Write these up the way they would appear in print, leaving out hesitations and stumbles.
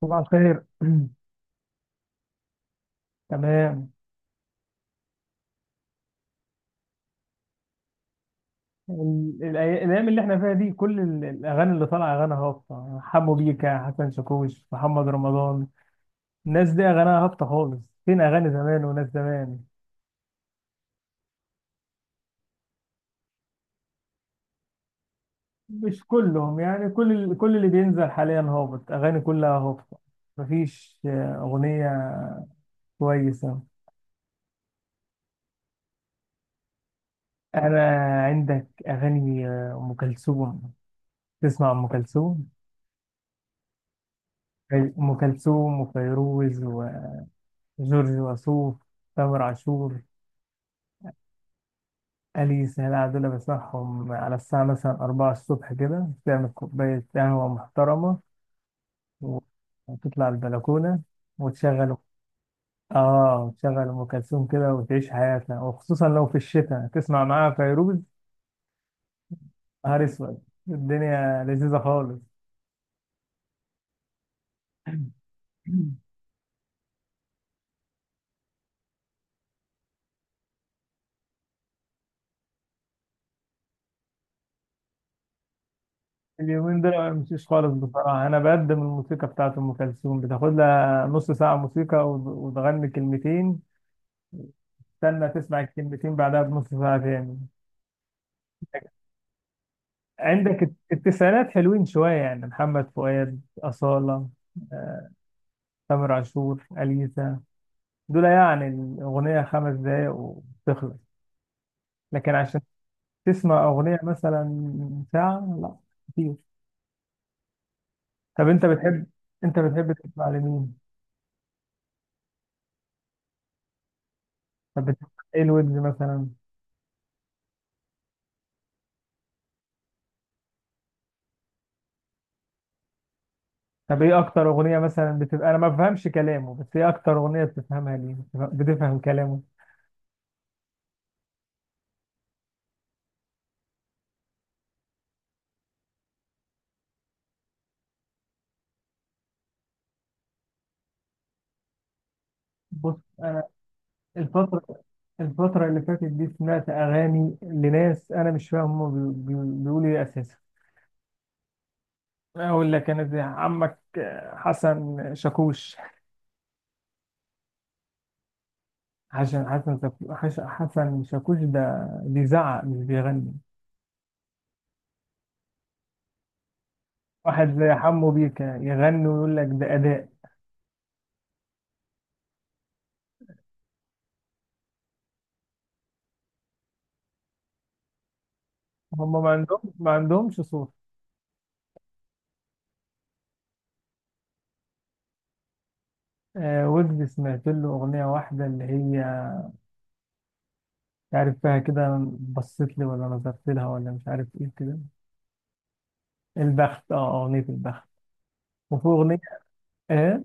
صباح الخير. تمام. الايام اللي احنا فيها دي، كل الاغاني اللي طالعه اغاني هابطه: حمو بيكا، حسن شاكوش، محمد رمضان. الناس دي اغانيها هابطه خالص. فين اغاني زمان وناس زمان؟ مش كلهم، يعني كل كل اللي بينزل حاليا هابط، اغاني كلها هابطه. مفيش اغنيه كويسه. انا، عندك اغاني ام كلثوم. تسمع ام كلثوم؟ ام كلثوم، وفيروز، وجورج وسوف، تامر عاشور، أليسة. لا دول بصحهم على الساعة مثلا 4 الصبح كده، تعمل كوباية قهوة محترمة و- وتطلع البلكونة وتشغل. آه، وتشغل أم كلثوم كده، وتعيش حياتنا، وخصوصا لو في الشتاء تسمع معاها فيروز. نهار أسود، الدنيا لذيذة خالص. اليومين دول ما بمشيش خالص بصراحة. أنا بقدم الموسيقى بتاعت أم كلثوم، بتاخد لها نص ساعة موسيقى وتغني كلمتين. استنى تسمع الكلمتين بعدها بنص ساعة تاني. عندك التسعينات حلوين شوية، يعني محمد فؤاد، أصالة، آه، تامر عاشور، أليسا. دول يعني الأغنية 5 دقايق وتخلص، لكن عشان تسمع أغنية مثلا ساعة، لا كتير. طب أنت بتحب، أنت بتحب تسمع لمين؟ طب بتسمع، إيه الويجز مثلا؟ طب إيه أكتر أغنية مثلا بتبقى، أنا ما بفهمش كلامه، بس إيه أكتر أغنية بتفهمها ليه؟ بتفهم، بتفهم كلامه؟ بص أنا، الفترة الفترة اللي فاتت دي سمعت أغاني لناس أنا مش فاهم هما بيقولوا إيه أساسا. أقول لك أنا، زي عمك حسن شاكوش. عشان حسن حسن شاكوش ده بيزعق مش بيغني. واحد زي حمو بيكا يغني ويقول لك ده أداء. هما ما عندهمش صوت. آه، ويجز سمعت له أغنية واحدة، اللي هي مش عارف فيها كده، بصيت لي ولا نظرت لها ولا مش عارف إيه كده. البخت، أه، أغنية البخت. وفي أغنية إيه،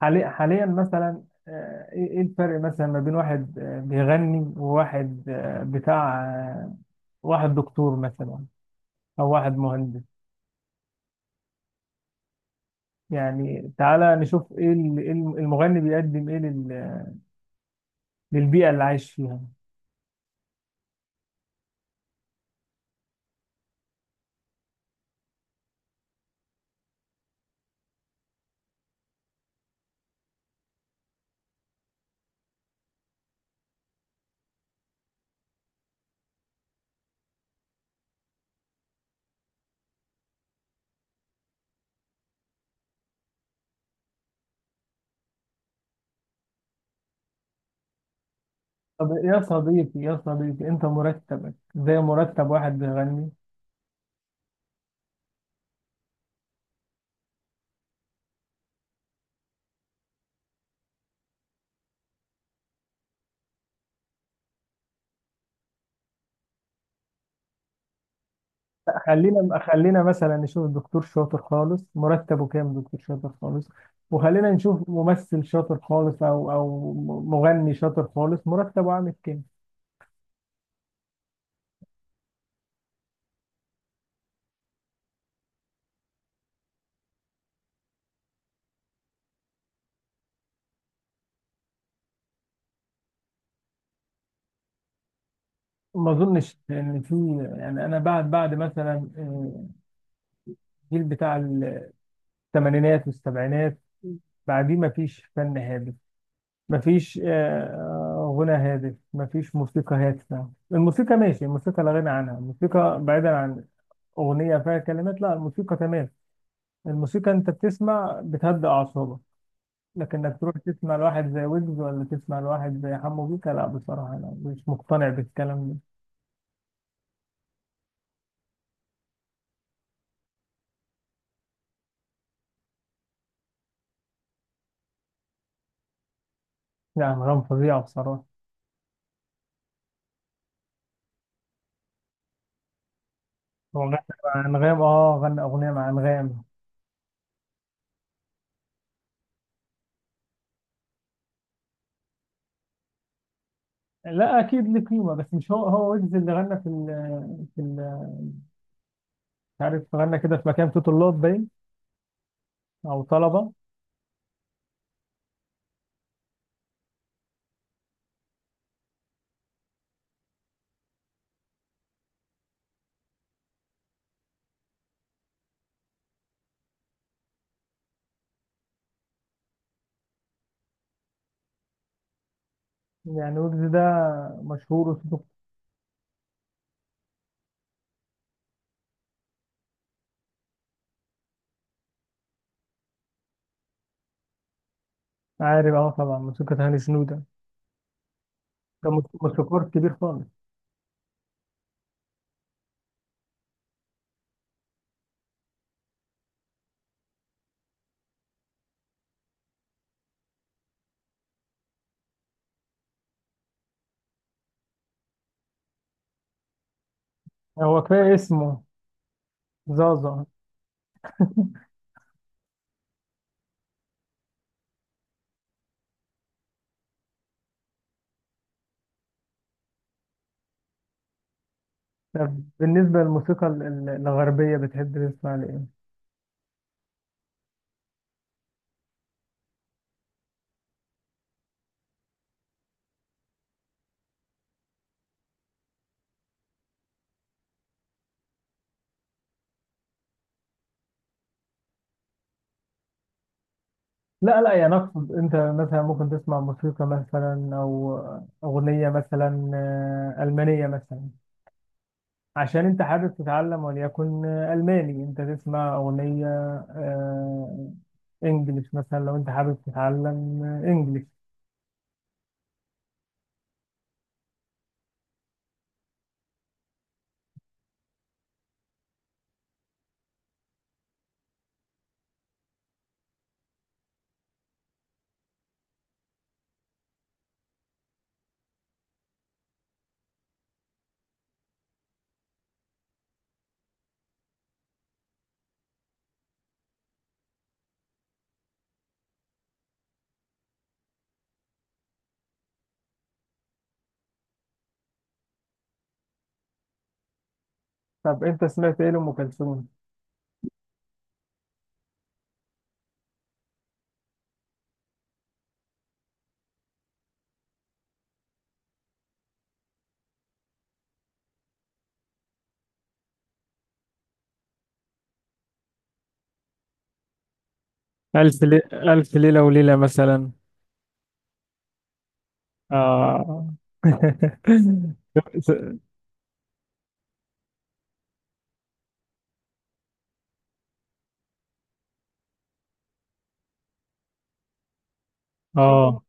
حاليا مثلا. ايه إيه الفرق مثلا ما بين واحد بيغني، وواحد بتاع واحد دكتور مثلا، او واحد مهندس. يعني تعالى نشوف ايه ال- إيه الم- المغني بيقدم ايه للبيئة اللي عايش فيها. طب يا صديقي، يا صديقي انت مرتبك زي مرتب واحد بيغني. لا، خلينا خلينا مثلا نشوف دكتور شاطر خالص مرتبه كام، دكتور شاطر خالص. وخلينا نشوف ممثل شاطر خالص، او مغني شاطر خالص مرتبه عامل كام. ما اظنش، لان في... يعني انا بعد مثلا الجيل بتاع الثمانينات والسبعينات، بعديه ما فيش فن هادف، ما فيش غنى هادف، ما فيش موسيقى هادفة. الموسيقى ماشي، الموسيقى لا غنى عنها. الموسيقى بعيدا عن أغنية فيها كلمات، لا، الموسيقى تمام. الموسيقى أنت بتسمع بتهدأ أعصابك. لكن إنك تروح تسمع لواحد زي ويجز، ولا تسمع لواحد زي حمو بيكا، لا، بصراحة أنا مش مقتنع بالكلام ده. يعني أنغام فظيعة بصراحة. هو غنى مع انغام، اه غنى اغنيه مع انغام. لا، اكيد ليه قيمه، بس مش هو ويجز اللي غنى في ال في ال مش عارف، غنى كده في مكان، في طلاب باين او طلبه. يعني ويجز ده مشهور وصوته. عارف، اه طبعا، موسيقى هاني شنودة ده موسيقار كبير خالص. هو كفايه اسمه زازا. طب بالنسبه للموسيقى الغربيه، بتحب تسمع لايه؟ لا لا، يعني اقصد انت مثلا ممكن تسمع موسيقى مثلا او اغنيه مثلا المانيه مثلا، عشان انت حابب تتعلم وليكن الماني، انت تسمع اغنيه آه، انجليش مثلا لو انت حابب تتعلم انجليش. طب انت سمعت ايه لام كلثوم؟ ألف لي... ألف ليلة وليلة مثلا. آه. آه،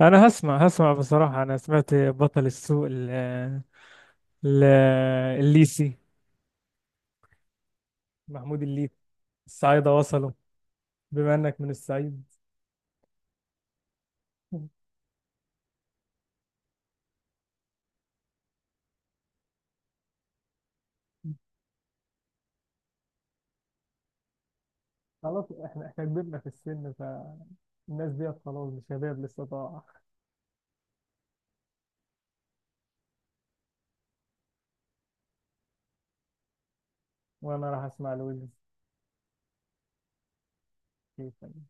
أنا هسمع، هسمع بصراحة. أنا سمعت بطل السوق ال... الليسي، محمود الليثي. الصعايدة وصلوا، بما إنك من الصعيد. خلاص، احنا كبرنا في السن، فالناس ديت خلاص شباب لسه طاعة. وانا راح اسمع لويلز. كيف. يعني.